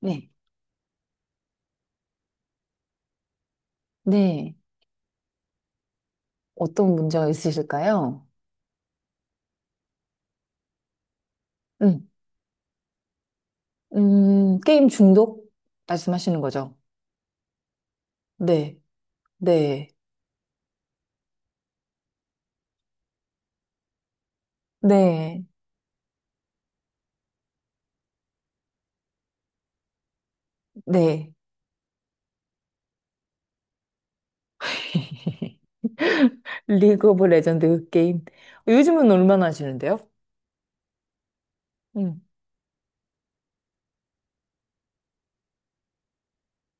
네. 네. 어떤 문제가 있으실까요? 음, 게임 중독 말씀하시는 거죠? 네. 네. 네. 네. 리그 오브 레전드 게임. 요즘은 얼마나 하시는데요? 음,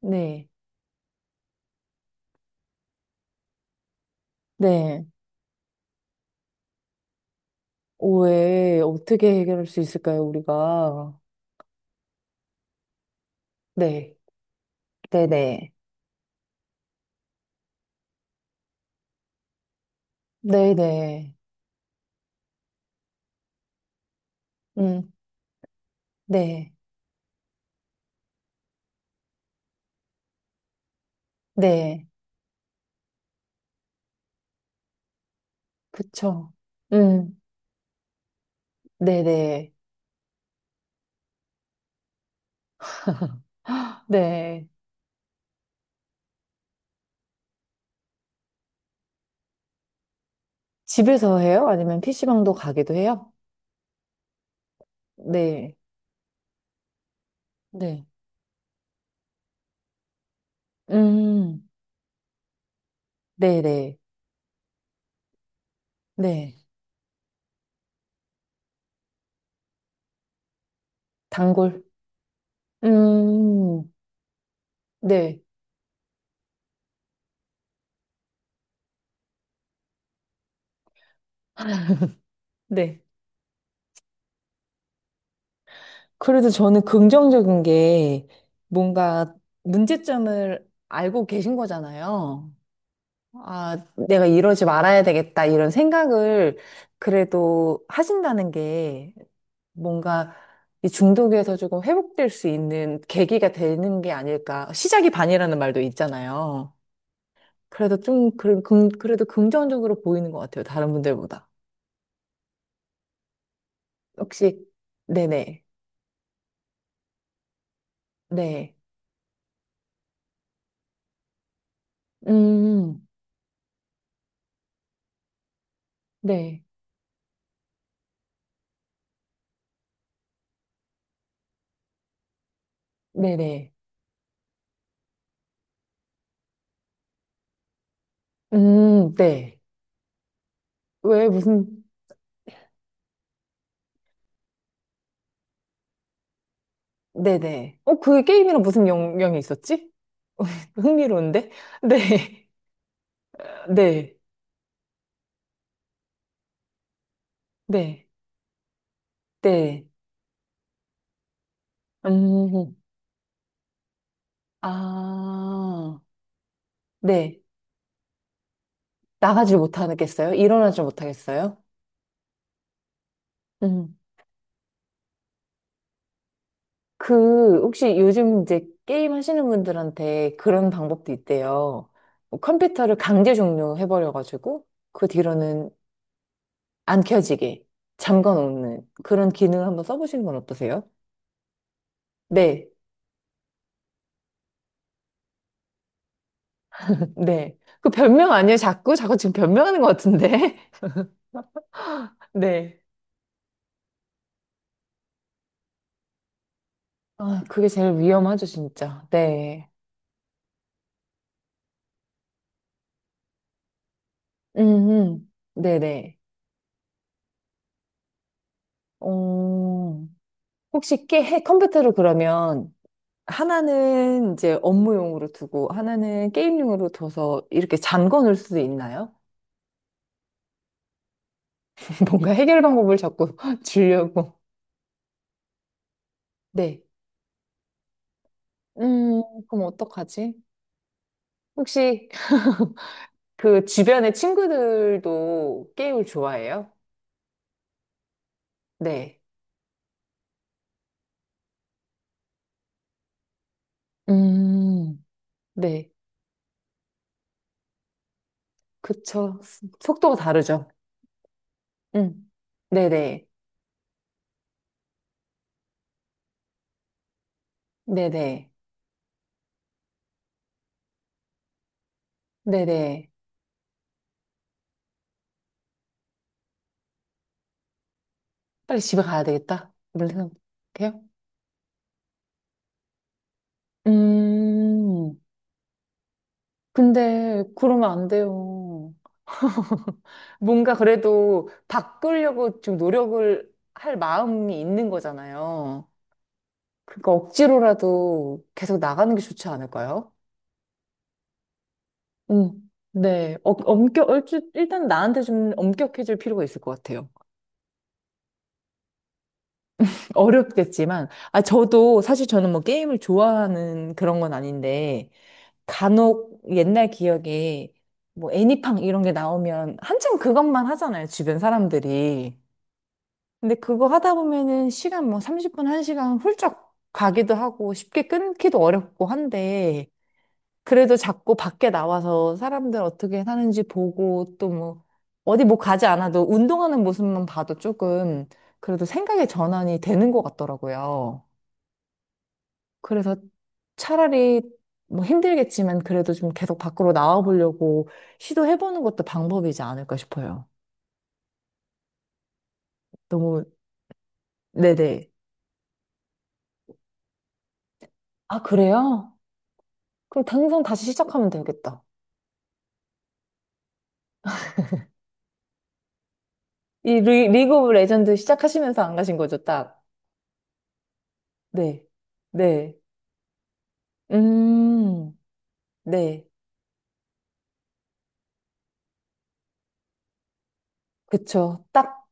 네. 네. 왜, 어떻게 해결할 수 있을까요, 우리가? 네. 네네. 네네. 음, 네. 네. 그쵸. 음, 네네. 네. 네. 집에서 해요? 아니면 PC방도 가기도 해요? 네, 네. 음, 네네, 네. 네. 단골. 음, 네, 네. 그래도 저는 긍정적인 게 뭔가 문제점을 알고 계신 거잖아요. 아, 내가 이러지 말아야 되겠다, 이런 생각을 그래도 하신다는 게 뭔가 이 중독에서 조금 회복될 수 있는 계기가 되는 게 아닐까. 시작이 반이라는 말도 있잖아요. 그래도 좀, 그래도 긍정적으로 보이는 것 같아요. 다른 분들보다. 혹시, 네네, 네. 음, 네, 네네. 네. 왜 무슨, 네네. 어, 그게 게임이랑 무슨 영, 영이 있었지? 흥미로운데? 네. 네, 네, 네. 음, 아, 네. 나가질 못하겠어요? 일어나질 못하겠어요? 음. 그, 혹시 요즘 이제 게임 하시는 분들한테 그런 방법도 있대요. 뭐 컴퓨터를 강제 종료해버려가지고, 그 뒤로는 안 켜지게 잠궈 놓는 그런 기능을 한번 써보시는 건 어떠세요? 네, 네. 그 변명 아니에요? 자꾸? 자꾸 지금 변명하는 것 같은데? 네. 아, 그게 제일 위험하죠, 진짜. 네. 음, 네네. 어, 혹시 컴퓨터를 그러면 하나는 이제 업무용으로 두고 하나는 게임용으로 둬서 이렇게 잠궈 놓을 수도 있나요? 뭔가 해결 방법을 자꾸 주려고. 네. 음, 그럼 어떡하지? 혹시 그 주변의 친구들도 게임을 좋아해요? 네. 음, 네. 그쵸. 속도가 다르죠. 음. 네네. 네네. 네네. 빨리 집에 가야 되겠다. 이런 생각해요? 음, 근데 그러면 안 돼요. 뭔가 그래도 바꾸려고 좀 노력을 할 마음이 있는 거잖아요. 그러니까 억지로라도 계속 나가는 게 좋지 않을까요? 네. 어, 일단 나한테 좀 엄격해질 필요가 있을 것 같아요. 어렵겠지만, 아, 저도 사실 저는 뭐 게임을 좋아하는 그런 건 아닌데, 간혹 옛날 기억에 뭐 애니팡 이런 게 나오면 한참 그것만 하잖아요, 주변 사람들이. 근데 그거 하다 보면은 시간 뭐 30분, 1시간 훌쩍 가기도 하고 쉽게 끊기도 어렵고 한데, 그래도 자꾸 밖에 나와서 사람들 어떻게 사는지 보고 또 뭐, 어디 뭐 가지 않아도 운동하는 모습만 봐도 조금 그래도 생각의 전환이 되는 것 같더라고요. 그래서 차라리 뭐 힘들겠지만 그래도 좀 계속 밖으로 나와 보려고 시도해보는 것도 방법이지 않을까 싶어요. 너무, 네네. 아, 그래요? 그럼 당장 다시 시작하면 되겠다. 리그 오브 레전드 시작하시면서 안 가신 거죠, 딱? 네. 네. 음, 네. 그쵸. 딱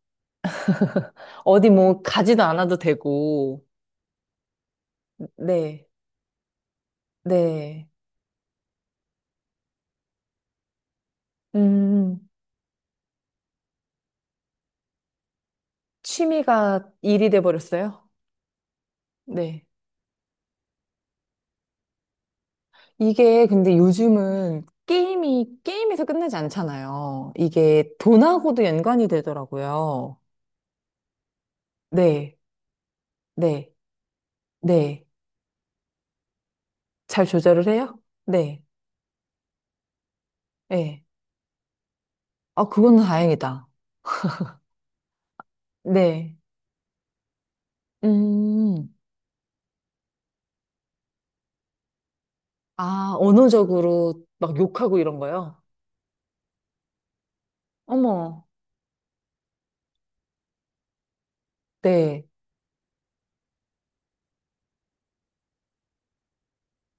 어디 뭐 가지도 않아도 되고. 네. 네. 음, 취미가 일이 돼버렸어요? 네. 이게 근데 요즘은 게임이 게임에서 끝나지 않잖아요. 이게 돈하고도 연관이 되더라고요. 네, 네, 네. 잘 조절을 해요? 네, 네. 아, 그건 다행이다. 네. 음, 아, 언어적으로 막 욕하고 이런 거요? 어머, 네.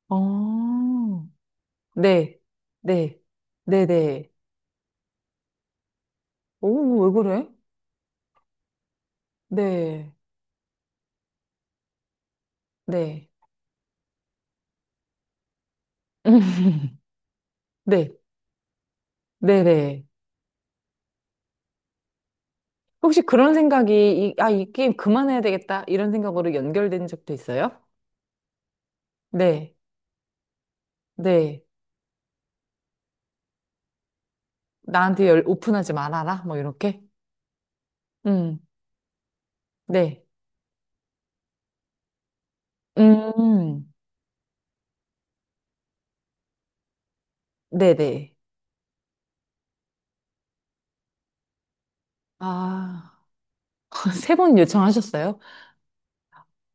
어, 네, 네, 네, 네. 오, 뭐 왜 그래? 네, 네. 네, 네, 네. 혹시 그런 생각이, 이 게임 그만해야 되겠다. 이런 생각으로 연결된 적도 있어요? 네, 네. 나한테 오픈하지 말아라. 뭐, 이렇게. 음, 네. 음, 네네. 아, 세 번 요청하셨어요?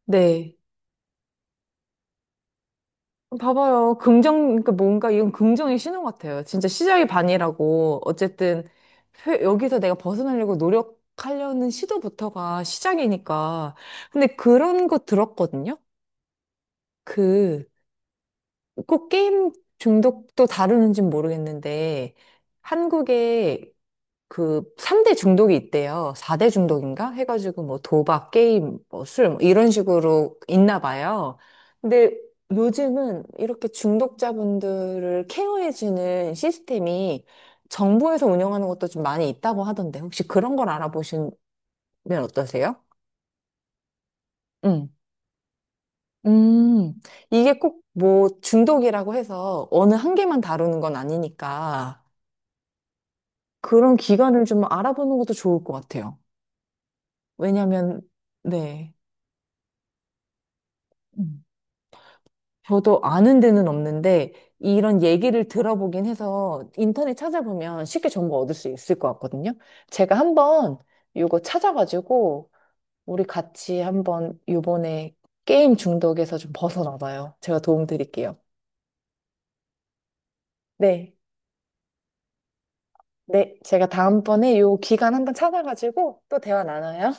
네. 봐봐요. 그러니까 뭔가 이건 긍정의 신호 같아요. 진짜 시작이 반이라고. 어쨌든, 여기서 내가 벗어나려고 노력하려는 시도부터가 시작이니까. 근데 그런 거 들었거든요? 그, 꼭 게임 중독도 다루는지는 모르겠는데, 한국에 그 3대 중독이 있대요. 4대 중독인가? 해가지고 뭐 도박, 게임, 뭐 술, 뭐 이런 식으로 있나 봐요. 근데 요즘은 이렇게 중독자분들을 케어해주는 시스템이 정부에서 운영하는 것도 좀 많이 있다고 하던데, 혹시 그런 걸 알아보시면 어떠세요? 음. 음, 이게 꼭 뭐 중독이라고 해서 어느 한 개만 다루는 건 아니니까. 그런 기간을 좀 알아보는 것도 좋을 것 같아요. 왜냐면, 네. 음. 저도 아는 데는 없는데, 이런 얘기를 들어보긴 해서 인터넷 찾아보면 쉽게 정보 얻을 수 있을 것 같거든요. 제가 한번 이거 찾아가지고, 우리 같이 한번 요번에 게임 중독에서 좀 벗어나봐요. 제가 도움 드릴게요. 네. 네. 제가 다음번에 요 기간 한번 찾아가지고 또 대화 나눠요.